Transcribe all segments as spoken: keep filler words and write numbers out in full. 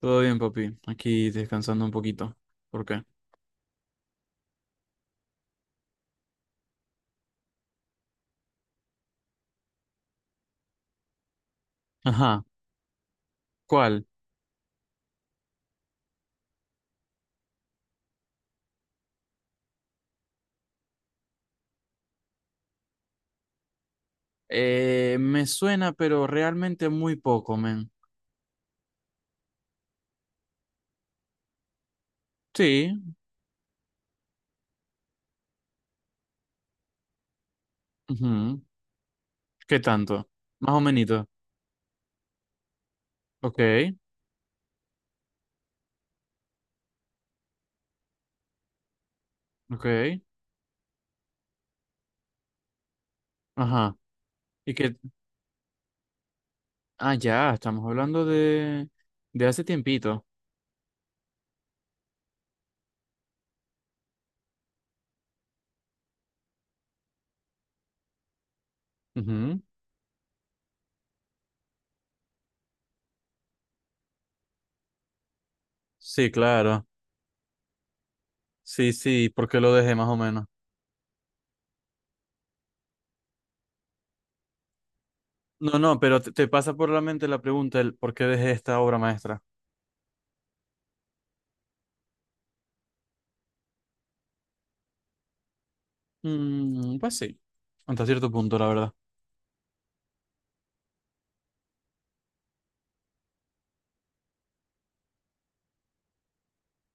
Todo bien, papi. Aquí descansando un poquito. ¿Por qué? Ajá. ¿Cuál? Eh, me suena, pero realmente muy poco, men. Sí. Ujú. ¿Qué tanto? Más o menos. Ok, ok. Ajá. ¿Y qué? Ah, ya, estamos hablando de, de hace tiempito. Ujú. Sí, claro. Sí, sí, ¿por qué lo dejé más o menos? No, no, pero te, te pasa por la mente la pregunta, el por qué dejé esta obra maestra. Mm, pues sí, hasta cierto punto, la verdad.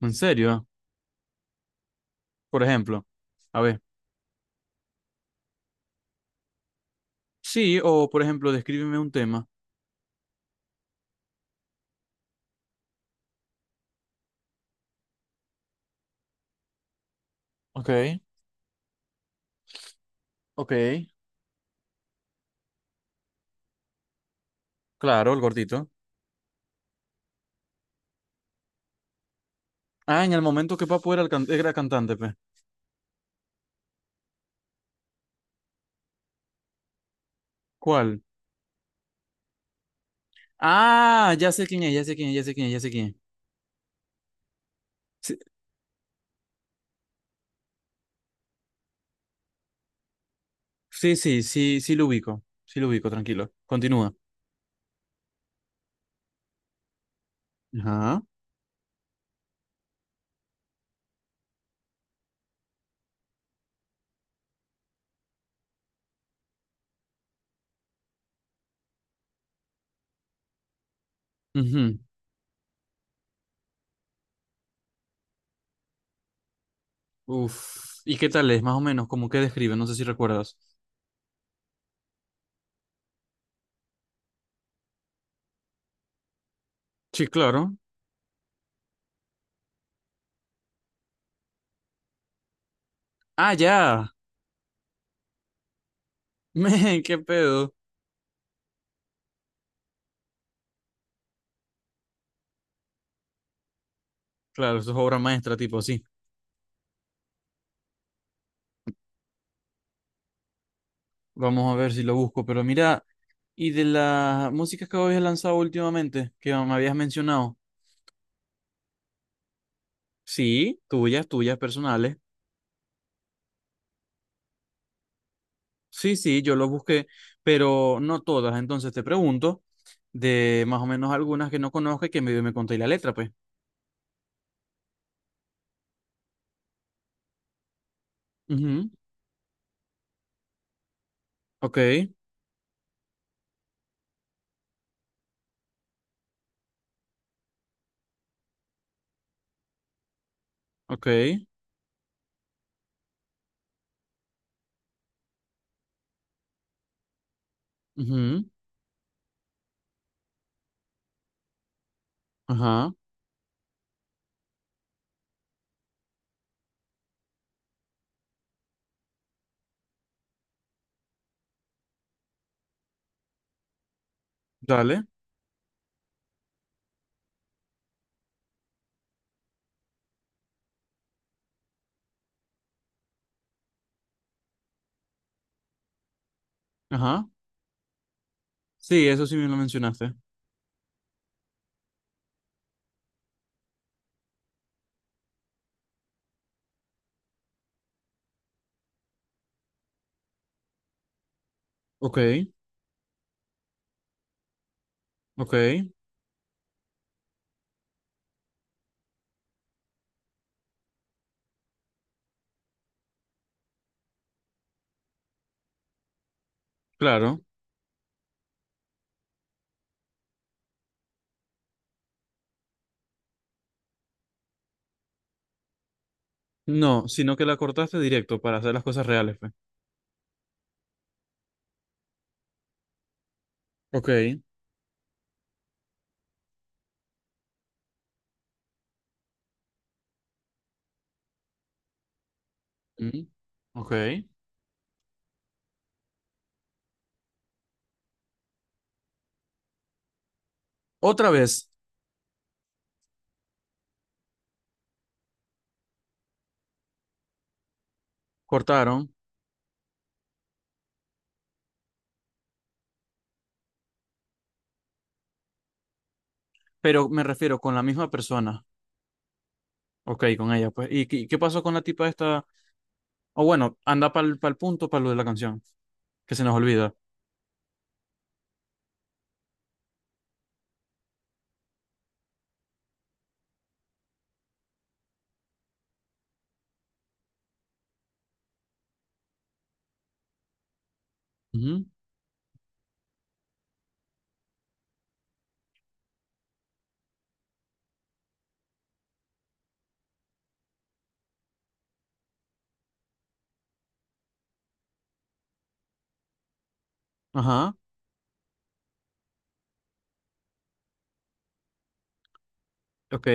¿En serio? Por ejemplo, a ver, sí, o por ejemplo, descríbeme un tema. Ok, ok, claro, el gordito. Ah, en el momento que Papo era, el can- era cantante, pues. ¿Cuál? Ah, ya sé quién es, ya sé quién es, ya sé quién es, ya sé quién es. Sí, sí, sí, sí, sí lo ubico. Sí lo ubico, tranquilo. Continúa. Ajá. Ujú. Uf. ¿Y qué tal es? Más o menos, como que describe, no sé si recuerdas. Sí, claro. Ah, ya. Men, qué pedo. Claro, eso es obra maestra, tipo así. Vamos a ver si lo busco, pero mira, y de las músicas que habías lanzado últimamente, que me habías mencionado, sí, tuyas, tuyas personales, sí, sí, yo lo busqué, pero no todas, entonces te pregunto de más o menos algunas que no conozco y que medio me conté la letra, pues. Ujú, ok, ok, ujú, ajá, dale, ajá, sí, eso sí me lo mencionaste, ok, ok, claro, no, sino que la cortaste directo para hacer las cosas reales, pues. Ok. Mm, ok. Otra vez cortaron, pero me refiero con la misma persona. Ok, con ella, pues. ¿Y qué, qué pasó con la tipa esta? O bueno, anda para el punto, para lo de la canción, que se nos olvida. Ujú, ajá, ok.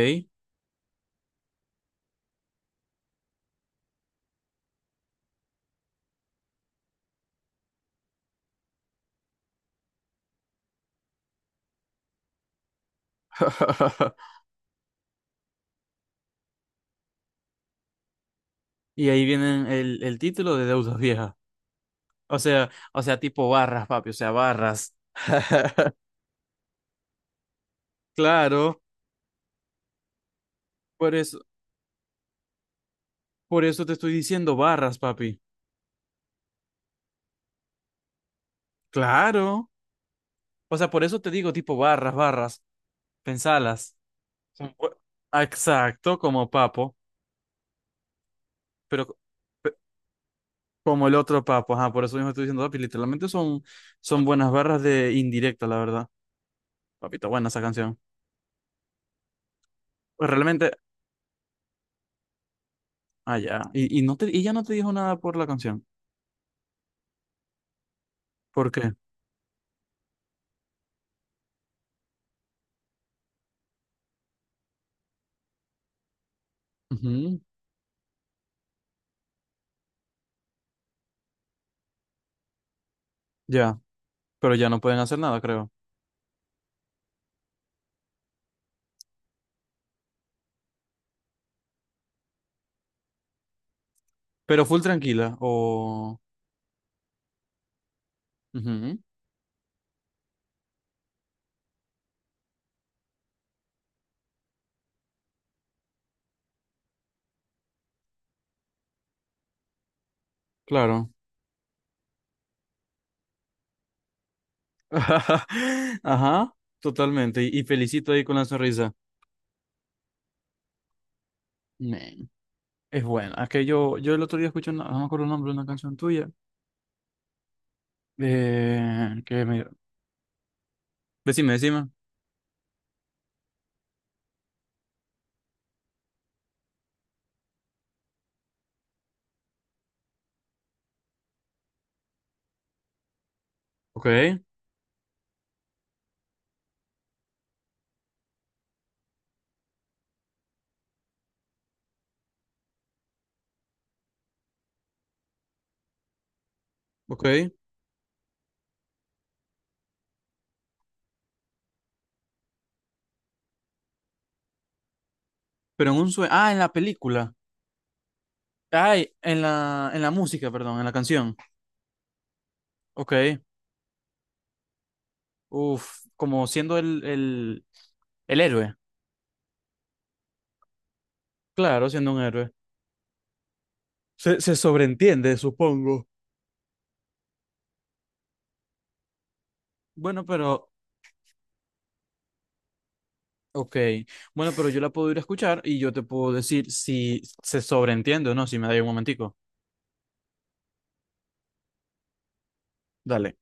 Y ahí vienen el, el título de Deudas Viejas. O sea, o sea, tipo barras, papi, o sea, barras. Claro, por eso, por eso te estoy diciendo barras, papi. Claro. O sea, por eso te digo tipo barras, barras. Pensalas. Como- Ah, exacto, como papo, pero pe- como el otro papo, ajá, por eso mismo estoy diciendo, papi, literalmente son, son buenas barras de indirecta, la verdad. Papito, buena esa canción. Pues realmente, ah, ya. Y, y no te, y ya no te dijo nada por la canción. ¿Por qué? Ujú, ya, pero ya no pueden hacer nada, creo. Pero full tranquila, o... Ujú, claro. Ajá, totalmente. Y, y felicito ahí con la sonrisa. Man, es bueno. Es que yo, yo el otro día escuché, una- no me acuerdo el nombre de una canción tuya. Eh, que me... Decime, decime. Ok, ok. Pero en un sueño. Ah, en la película. Ay, en la, en la música, perdón, en la canción. Ok. Uf, como siendo el, el, el héroe. Claro, siendo un héroe. Se, se sobreentiende, supongo. Bueno, pero. Ok. Bueno, pero yo la puedo ir a escuchar y yo te puedo decir si se sobreentiende o no, si me da un momentico. Dale.